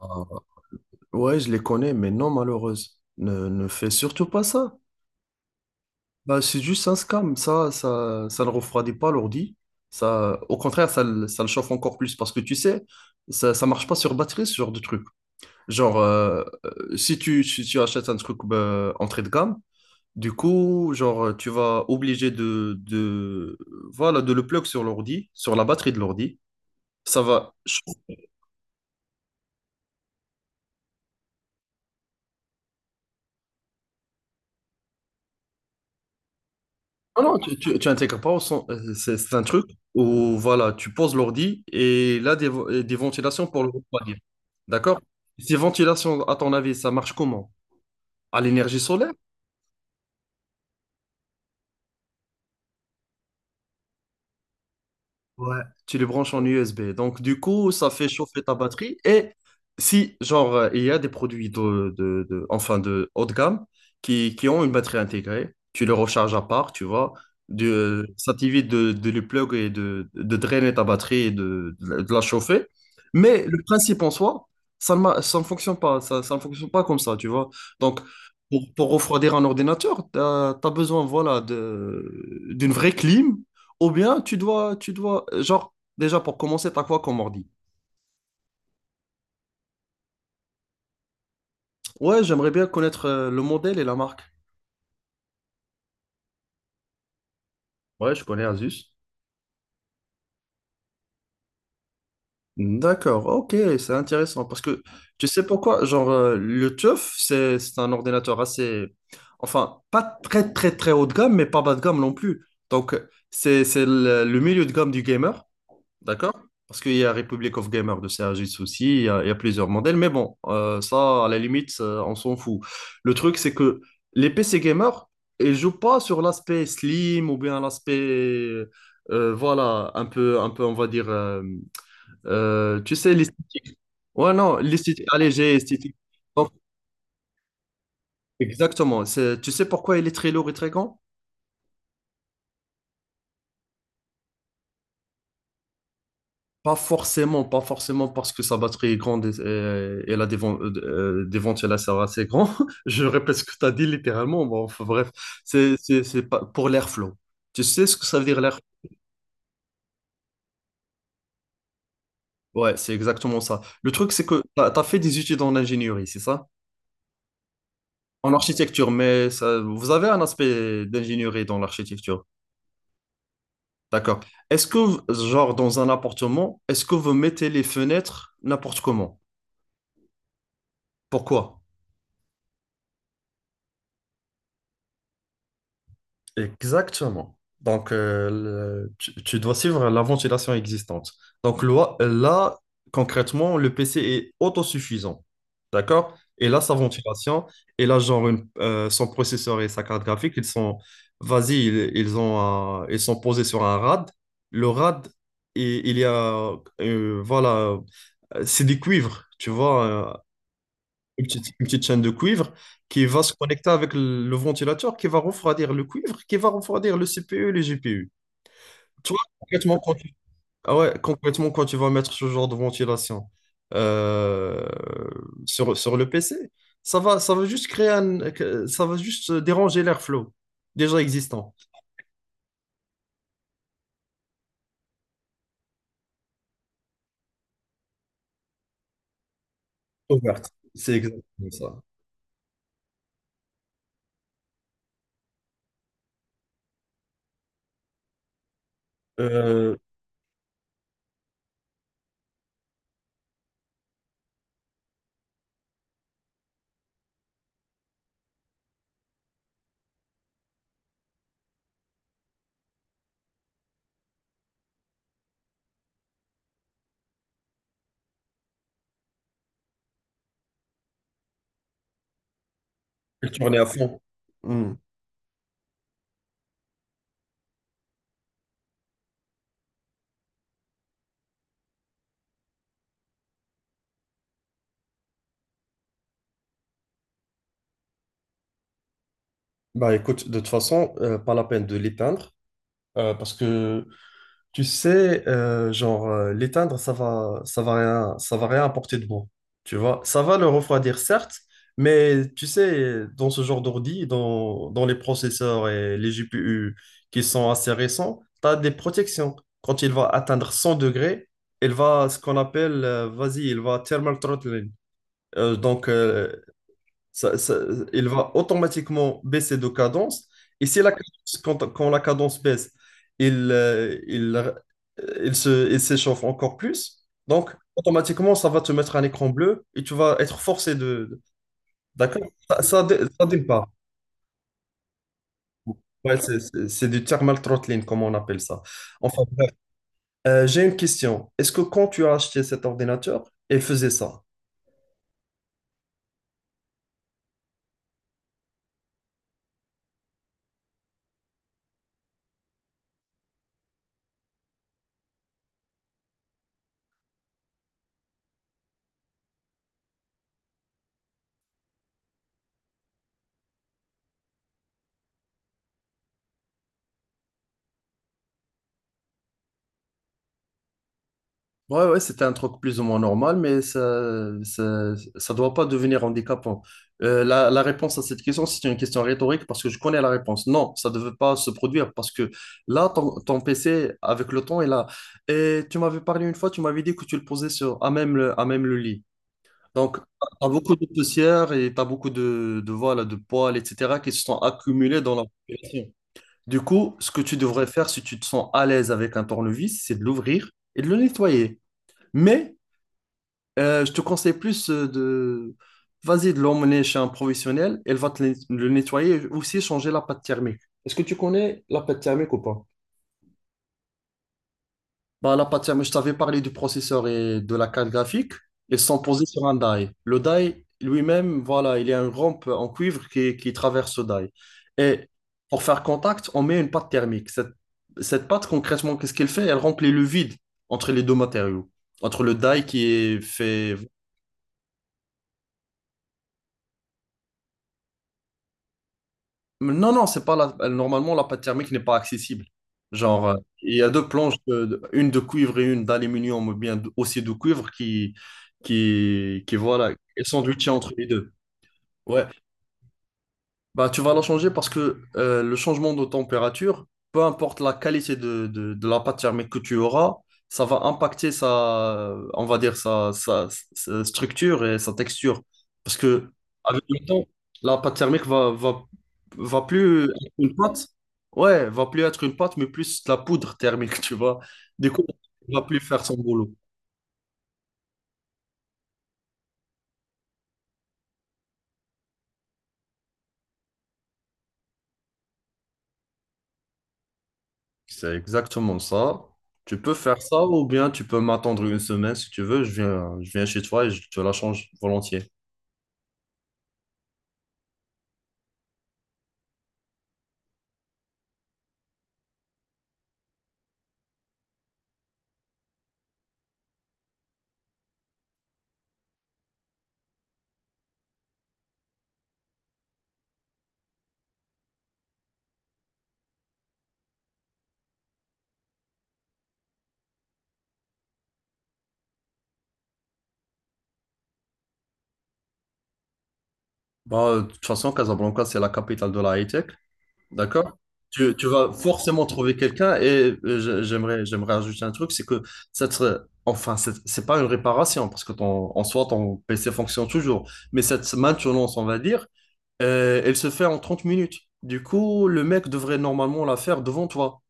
Ah, ouais, je les connais, mais non, malheureuse. Ne fais surtout pas ça. Bah, c'est juste un scam. Ça ne refroidit pas l'ordi. Ça, au contraire, ça le chauffe encore plus parce que tu sais, ça marche pas sur batterie, ce genre de truc. Si tu achètes un truc bah, entrée de gamme, du coup, genre, tu vas obligé voilà, de le plug sur l'ordi, sur la batterie de l'ordi. Ça va. Non, non, tu intègres pas c'est un truc où, tu poses l'ordi et des ventilations pour le refroidir. D'accord? Ces ventilations, à ton avis, ça marche comment? À l'énergie solaire? Ouais, tu les branches en USB. Donc, du coup, ça fait chauffer ta batterie. Et si, il y a des produits enfin, de haut de gamme qui ont une batterie intégrée, tu les recharges à part, tu vois. De Ça t'évite de les plug et de drainer ta batterie et de la chauffer. Mais le principe en soi, ça ne fonctionne pas. Ça ne fonctionne pas comme ça, tu vois. Donc, pour refroidir un ordinateur, tu as besoin, voilà, de, d'une vraie clim ou bien tu dois, genre, déjà pour commencer, t'as quoi comme ordi? Ouais, j'aimerais bien connaître le modèle et la marque. Ouais, je connais Asus. D'accord, ok, c'est intéressant parce que tu sais pourquoi, le TUF, c'est un ordinateur assez, enfin, pas très très très haut de gamme, mais pas bas de gamme non plus. Donc, c'est le milieu de gamme du gamer. D'accord? Parce qu'il y a Republic of Gamers de Sergis aussi, il y a plusieurs modèles, mais bon, ça, à la limite, ça, on s'en fout. Le truc, c'est que les PC gamers, ils jouent pas sur l'aspect slim ou bien l'aspect, voilà, un peu, on va dire, tu sais, l'esthétique. Ouais, non, l'esthétique allégée, esthétique. Donc, exactement. C'est- tu sais pourquoi il est très lourd et très grand? Pas forcément parce que sa batterie est grande et elle a des ventilateurs assez grands. Je répète ce que tu as dit littéralement. Bon, enfin, bref, c'est pas pour l'airflow. Tu sais ce que ça veut dire l'airflow? Ouais, c'est exactement ça. Le truc, c'est que tu as fait des études en ingénierie, c'est ça? En architecture, mais ça- vous avez un aspect d'ingénierie dans l'architecture. D'accord. Est-ce que, genre, dans un appartement, est-ce que vous mettez les fenêtres n'importe comment? Pourquoi? Exactement. Donc, tu, tu dois suivre la ventilation existante. Donc, là, concrètement, le PC est autosuffisant. D'accord? Et là, sa ventilation, et là, son processeur et sa carte graphique, ils sont, vas-y, ils ont ils sont posés sur un RAD. Le RAD, il y a, euh, voilà, c'est du cuivre, tu vois. Une petite, une petite chaîne de cuivre qui va se connecter avec le ventilateur, qui va refroidir le cuivre, qui va refroidir le CPU et les GPU. Toi, concrètement, ah ouais, concrètement, quand tu vas mettre ce genre de ventilation euh, sur le PC, ça va juste ça va juste déranger l'airflow déjà existant. Ouverte. C'est exactement ça. Euh, et tourner à fond. Hmm. Bah écoute, de toute façon, pas la peine de l'éteindre parce que tu sais, l'éteindre, ça va rien apporter de bon. Tu vois, ça va le refroidir, certes, mais tu sais, dans ce genre d'ordi, dans les processeurs et les GPU qui sont assez récents, tu as des protections. Quand il va atteindre 100 degrés, il va, ce qu'on appelle, vas-y, il va thermal throttling. Euh, donc, euh, ça- ça- il va automatiquement baisser de cadence. Et si la cadence- quand la cadence baisse, il s'échauffe encore plus. Donc, automatiquement, ça va te mettre un écran bleu et tu vas être forcé de... D'accord? Ça démarre. Ouais, c'est du thermal throttling, comme on appelle ça. Enfin, euh, j'ai une question. Est-ce que quand tu as acheté cet ordinateur, il faisait ça? Ouais, ouais, c'était un truc plus ou moins normal, mais ça doit pas devenir handicapant. La réponse à cette question, c'est une question rhétorique parce que je connais la réponse. Non, ça ne devait pas se produire parce que là, ton PC, avec le temps, est là. Et tu m'avais parlé une fois, tu m'avais dit que tu le posais sur, à même le lit. Donc, tu as beaucoup de poussière et tu as beaucoup voilà, de poils, etc., qui se sont accumulés dans la population. Du coup, ce que tu devrais faire si tu te sens à l'aise avec un tournevis, c'est de l'ouvrir et de le nettoyer. Mais je te conseille plus de... Vas-y, de l'emmener chez un professionnel. Elle va te le nettoyer et aussi changer la pâte thermique. Est-ce que tu connais la pâte thermique ou pas? Bah, la pâte thermique, je t'avais parlé du processeur et de la carte graphique. Ils sont posés sur un die. Le die lui-même, voilà, il y a une rampe en cuivre qui traverse ce die. Et pour faire contact, on met une pâte thermique. Cette pâte, concrètement, qu'est-ce qu'elle fait? Elle remplit le vide entre les deux matériaux. Entre le die qui est fait. Non, non, c'est pas la... Normalement, la pâte thermique n'est pas accessible. Genre, il y a deux planches, une de cuivre et une d'aluminium, ou bien aussi de cuivre, qui voilà, elles sont sandwichées entre les deux. Ouais. Bah, tu vas la changer parce que le changement de température, peu importe la qualité de la pâte thermique que tu auras, ça va impacter sa, on va dire, sa structure et sa texture. Parce que avec le temps, la pâte thermique va, va, va plus être une pâte. Ouais, va plus être une pâte, mais plus de la poudre thermique, tu vois. Du coup, elle va plus faire son boulot. C'est exactement ça. Tu peux faire ça ou bien tu peux m'attendre une semaine si tu veux. Je viens chez toi et je te la change volontiers. Bah, de toute façon, Casablanca, c'est la capitale de la high-tech. D'accord? Tu vas forcément trouver quelqu'un et j'aimerais ajouter un truc, c'est que ça serait, enfin, c'est pas une réparation parce que ton, en soi, ton PC fonctionne toujours. Mais cette maintenance, on va dire, elle se fait en 30 minutes. Du coup, le mec devrait normalement la faire devant toi.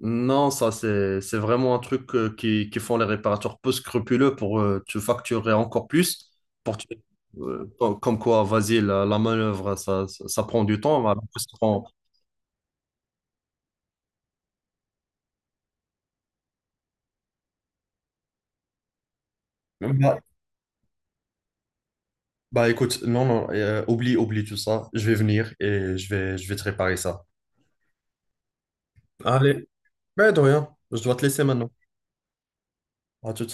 Non, ça, c'est vraiment un truc qui font les réparateurs peu scrupuleux pour te facturer encore plus. Pour te- com- comme quoi, vas-y, la manœuvre, ça prend du temps. Alors que ça prend- Bah, bah, écoute, non, non, oublie tout ça. Je vais venir et je vais te réparer ça. Allez, mais de rien, je dois te laisser maintenant. À tout.